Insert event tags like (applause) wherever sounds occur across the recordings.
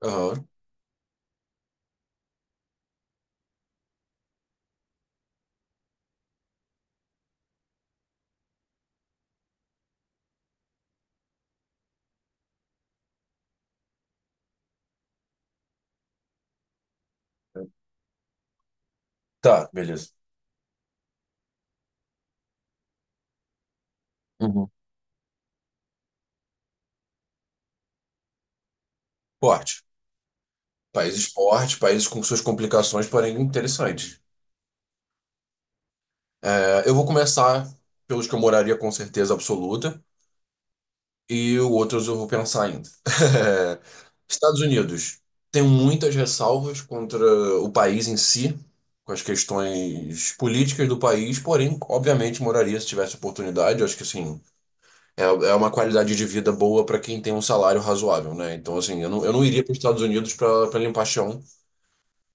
Aham. Tá, beleza. Uhum. Esporte. Países fortes, países com suas complicações, porém interessantes. É, eu vou começar pelos que eu moraria com certeza absoluta e os outros eu vou pensar ainda. (laughs) Estados Unidos. Tem muitas ressalvas contra o país em si, com as questões políticas do país, porém, obviamente, moraria se tivesse oportunidade. Eu acho que, assim, é uma qualidade de vida boa para quem tem um salário razoável, né? Então, assim, eu não iria para os Estados Unidos para limpar chão.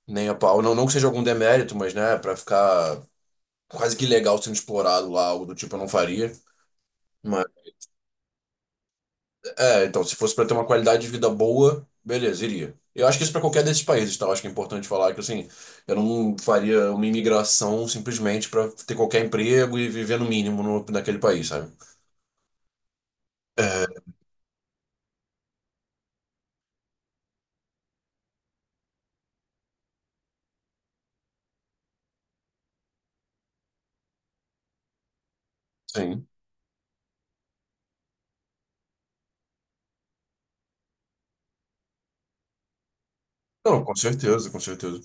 Nem a pau. Não, não que seja algum demérito, mas, né, pra ficar quase que ilegal sendo explorado lá, algo do tipo, eu não faria. Mas, então, se fosse pra ter uma qualidade de vida boa, beleza, iria. Eu acho que isso pra qualquer desses países, tá? Eu acho que é importante falar que, assim, eu não faria uma imigração simplesmente pra ter qualquer emprego e viver no mínimo no, naquele país, sabe? É, sim. Não, com certeza, com certeza.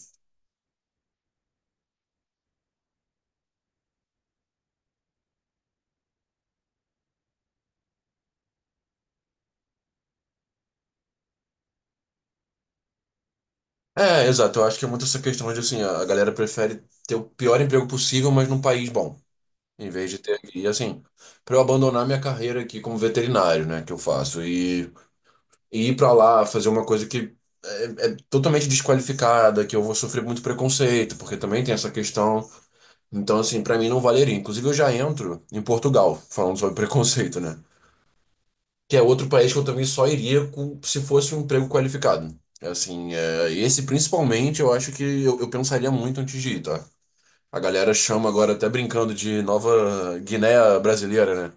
É, exato. Eu acho que é muito essa questão de, assim, a galera prefere ter o pior emprego possível, mas num país bom. Em vez de ter que, e assim, para eu abandonar minha carreira aqui como veterinário, né, que eu faço, e ir para lá fazer uma coisa que é totalmente desqualificada, que eu vou sofrer muito preconceito, porque também tem essa questão. Então, assim, para mim não valeria. Inclusive, eu já entro em Portugal, falando sobre (laughs) preconceito, né, que é outro país que eu também só iria com, se fosse um emprego qualificado. Assim, é, esse principalmente eu acho que eu pensaria muito antes de ir, tá? A galera chama agora até brincando de Nova Guiné brasileira, né?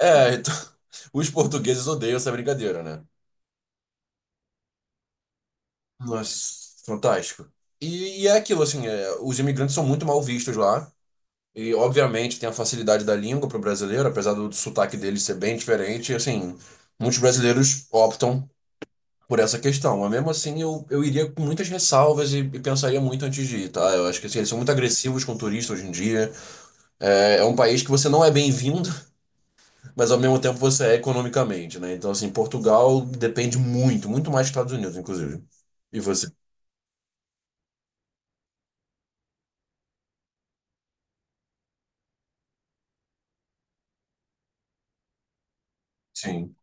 É, então, (laughs) os portugueses odeiam essa brincadeira, né? Nossa, fantástico. E é aquilo, assim, é, os imigrantes são muito mal vistos lá. E, obviamente, tem a facilidade da língua para o brasileiro, apesar do sotaque dele ser bem diferente. E, assim, muitos brasileiros optam por essa questão. Mas, mesmo assim, eu iria com muitas ressalvas e pensaria muito antes de ir, tá? Eu acho que, assim, eles são muito agressivos com turistas hoje em dia. É um país que você não é bem-vindo, mas ao mesmo tempo você é economicamente, né? Então, assim, Portugal depende muito, muito mais dos Estados Unidos, inclusive. E você? Sim.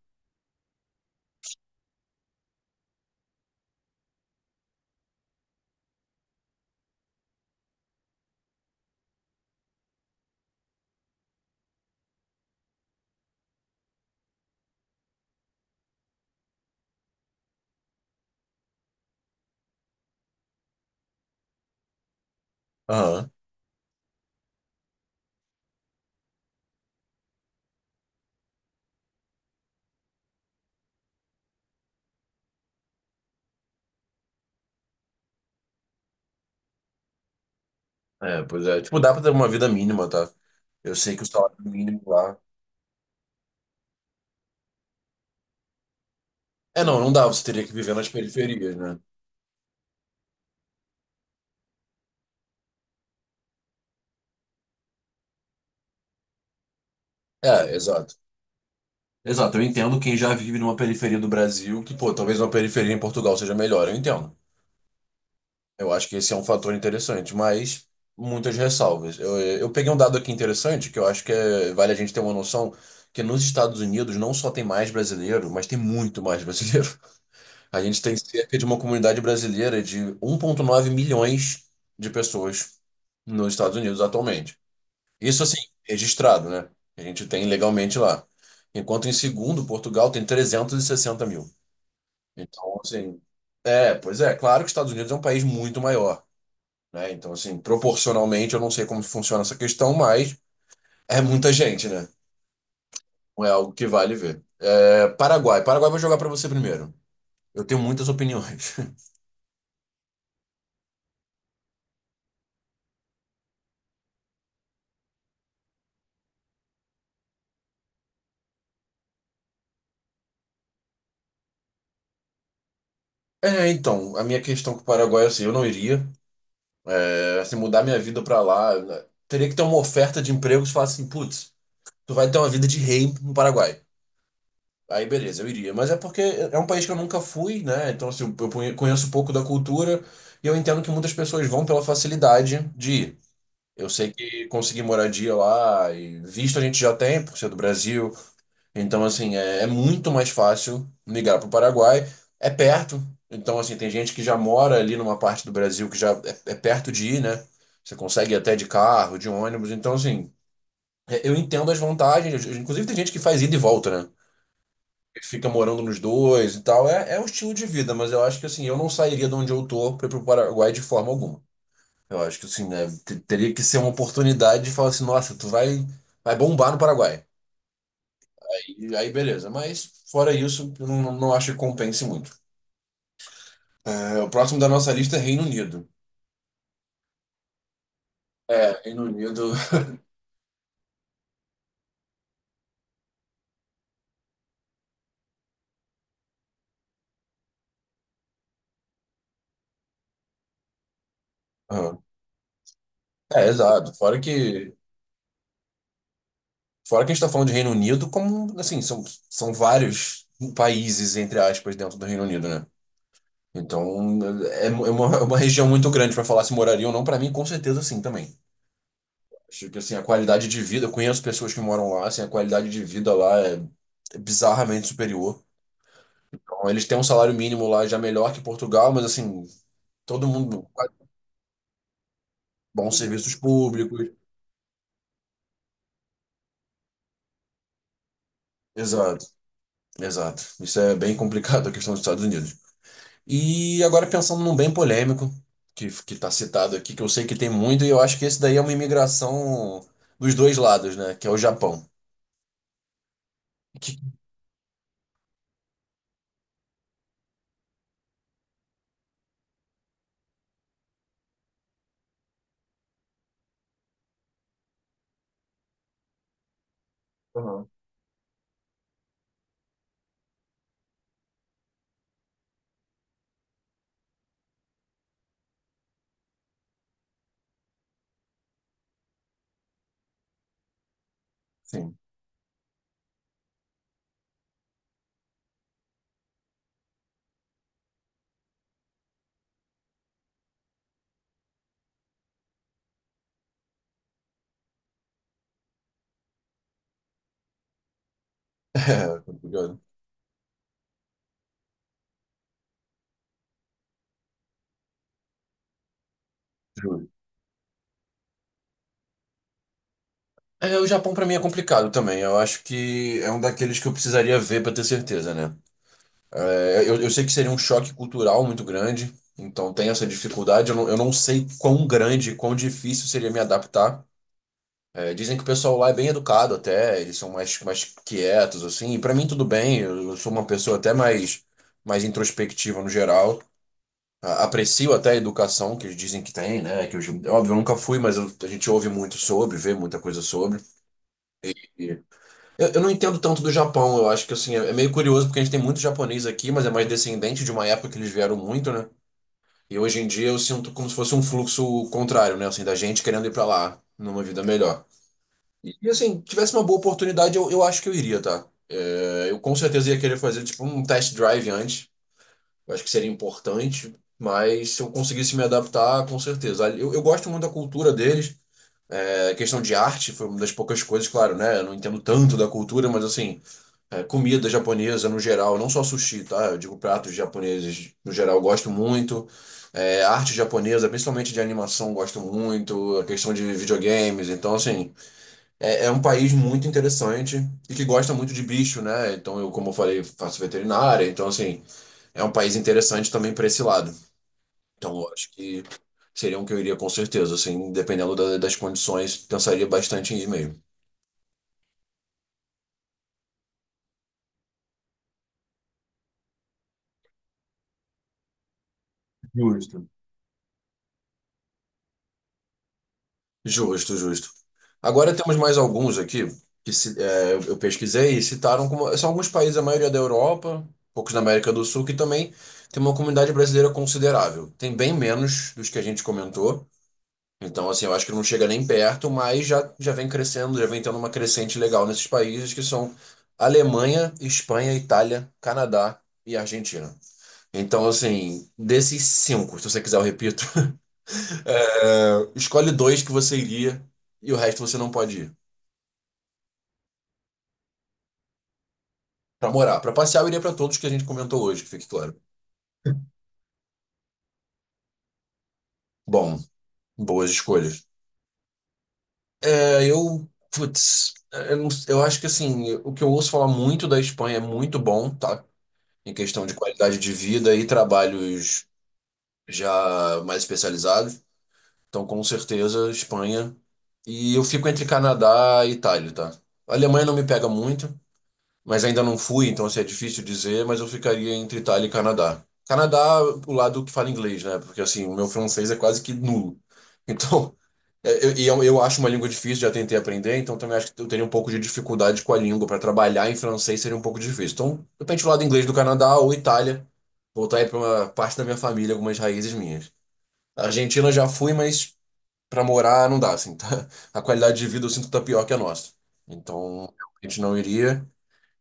Aham. É, pois é. Tipo, dá pra ter uma vida mínima, tá? Eu sei que o salário mínimo lá. É, não, não dá, você teria que viver nas periferias, né? É, exato. Exato, eu entendo quem já vive numa periferia do Brasil, que, pô, talvez uma periferia em Portugal seja melhor, eu entendo. Eu acho que esse é um fator interessante, mas muitas ressalvas. Eu peguei um dado aqui interessante que eu acho que vale a gente ter uma noção que nos Estados Unidos não só tem mais brasileiro, mas tem muito mais brasileiro. (laughs) A gente tem cerca de uma comunidade brasileira de 1,9 milhões de pessoas nos Estados Unidos atualmente. Isso assim, registrado, né? A gente tem legalmente lá. Enquanto em segundo, Portugal tem 360 mil. Então, assim, é, pois é, claro que os Estados Unidos é um país muito maior, né? Então, assim, proporcionalmente, eu não sei como funciona essa questão, mas é muita gente, né? Não é algo que vale ver. É, Paraguai. Paraguai eu vou jogar pra você primeiro. Eu tenho muitas opiniões. (laughs) É, então, a minha questão com o Paraguai é assim, eu não iria. É, se mudar minha vida pra lá, né? Teria que ter uma oferta de emprego que falasse assim, putz, tu vai ter uma vida de rei no Paraguai. Aí, beleza, eu iria. Mas é porque é um país que eu nunca fui, né? Então, assim, eu conheço pouco da cultura e eu entendo que muitas pessoas vão pela facilidade de ir. Eu sei que conseguir moradia lá e visto a gente já tem, por ser do Brasil. Então, assim, é muito mais fácil migrar para o Paraguai. É perto. Então, assim, tem gente que já mora ali numa parte do Brasil que já é perto de ir, né? Você consegue ir até de carro, de ônibus. Então, assim, eu entendo as vantagens. Inclusive, tem gente que faz ida e volta, né? Que fica morando nos dois e tal. É um estilo de vida, mas eu acho que, assim, eu não sairia de onde eu tô para ir para o Paraguai de forma alguma. Eu acho que assim, né, teria que ser uma oportunidade de falar assim, nossa, tu vai, bombar no Paraguai. E aí, beleza. Mas fora isso, eu não acho que compense muito. É, o próximo da nossa lista é Reino Unido. É, Reino Unido. Ah, é, exato. Fora que a gente está falando de Reino Unido, como assim, são vários países, entre aspas, dentro do Reino Unido, né? Então, é uma região muito grande para falar se moraria ou não, para mim, com certeza sim também. Acho que assim, a qualidade de vida, eu conheço pessoas que moram lá, assim, a qualidade de vida lá é bizarramente superior. Então, eles têm um salário mínimo lá já melhor que Portugal, mas assim, todo mundo bons serviços públicos. Exato, exato. Isso é bem complicado a questão dos Estados Unidos. E agora pensando num bem polêmico, que está citado aqui, que eu sei que tem muito, e eu acho que esse daí é uma imigração dos dois lados, né? Que é o Japão. Que... Aham. Sim. (laughs) É, tô curioso. É, o Japão pra mim é complicado também. Eu acho que é um daqueles que eu precisaria ver pra ter certeza, né? É, eu sei que seria um choque cultural muito grande, então tem essa dificuldade. Eu não sei quão grande, quão difícil seria me adaptar. É, dizem que o pessoal lá é bem educado até, eles são mais quietos, assim. E pra mim tudo bem, eu sou uma pessoa até mais introspectiva no geral. Aprecio até a educação que eles dizem que tem, né? Que eu, óbvio, eu nunca fui, mas a gente ouve muito sobre, vê muita coisa sobre. Eu não entendo tanto do Japão, eu acho que assim, é meio curioso porque a gente tem muito japonês aqui, mas é mais descendente de uma época que eles vieram muito, né? E hoje em dia eu sinto como se fosse um fluxo contrário, né? Assim, da gente querendo ir pra lá numa vida melhor. E, assim, tivesse uma boa oportunidade, eu acho que eu iria, tá? É, eu com certeza ia querer fazer tipo um test drive antes, eu acho que seria importante, mas se eu conseguisse me adaptar, com certeza. Eu gosto muito da cultura deles. A questão de arte foi uma das poucas coisas, claro, né? Eu não entendo tanto da cultura, mas assim, é, comida japonesa no geral, não só sushi, tá? Eu digo pratos japoneses no geral, eu gosto muito. É, arte japonesa, principalmente de animação, gosto muito. A questão de videogames, então assim, é um país muito interessante e que gosta muito de bicho, né? Então eu, como eu falei, faço veterinária, então assim, é um país interessante também para esse lado. Então eu acho que seria um que eu iria com certeza, assim, dependendo das condições, pensaria bastante em ir mesmo. Justo. Justo, justo. Agora temos mais alguns aqui que eu pesquisei e citaram como são alguns países, a maioria é da Europa, poucos da América do Sul, que também tem uma comunidade brasileira considerável. Tem bem menos dos que a gente comentou. Então, assim, eu acho que não chega nem perto, mas já, já vem crescendo, já vem tendo uma crescente legal nesses países que são Alemanha, Espanha, Itália, Canadá e Argentina. Então, assim, desses cinco, se você quiser eu repito, (laughs) é, escolhe dois que você iria e o resto você não pode ir. Pra morar. Pra passear, eu iria pra todos que a gente comentou hoje, que fique claro. Bom, boas escolhas. É, eu, putz, é, eu, não- eu acho que assim, o que eu ouço falar muito da Espanha é muito bom, tá? Em questão de qualidade de vida e trabalhos já mais especializados. Então, com certeza, Espanha. E eu fico entre Canadá e Itália, tá? A Alemanha não me pega muito, mas ainda não fui, então assim, é difícil dizer, mas eu ficaria entre Itália e Canadá. Canadá, o lado que fala inglês, né? Porque assim, o meu francês é quase que nulo. Então, (laughs) e eu acho uma língua difícil, já tentei aprender, então também acho que eu teria um pouco de dificuldade com a língua. Para trabalhar em francês seria um pouco difícil. Então, de repente, o lado inglês do Canadá ou Itália, voltar aí para uma parte da minha família, algumas raízes minhas. A Argentina já fui, mas para morar não dá, assim, tá? (laughs) A qualidade de vida eu sinto que tá pior que a nossa. Então, a gente não iria.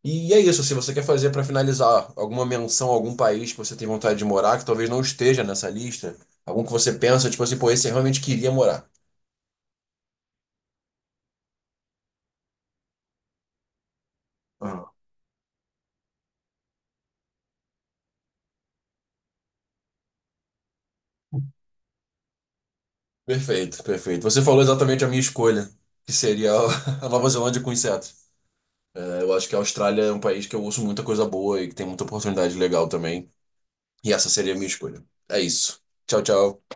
E é isso, se você quer fazer para finalizar alguma menção a algum país que você tem vontade de morar, que talvez não esteja nessa lista, algum que você pensa, tipo assim, pô, esse eu realmente queria morar. Aham. Perfeito, perfeito. Você falou exatamente a minha escolha, que seria a (laughs) a Nova Zelândia com insetos. É, eu acho que a Austrália é um país que eu ouço muita coisa boa e que tem muita oportunidade legal também. E essa seria a minha escolha. É isso. Tchau, tchau.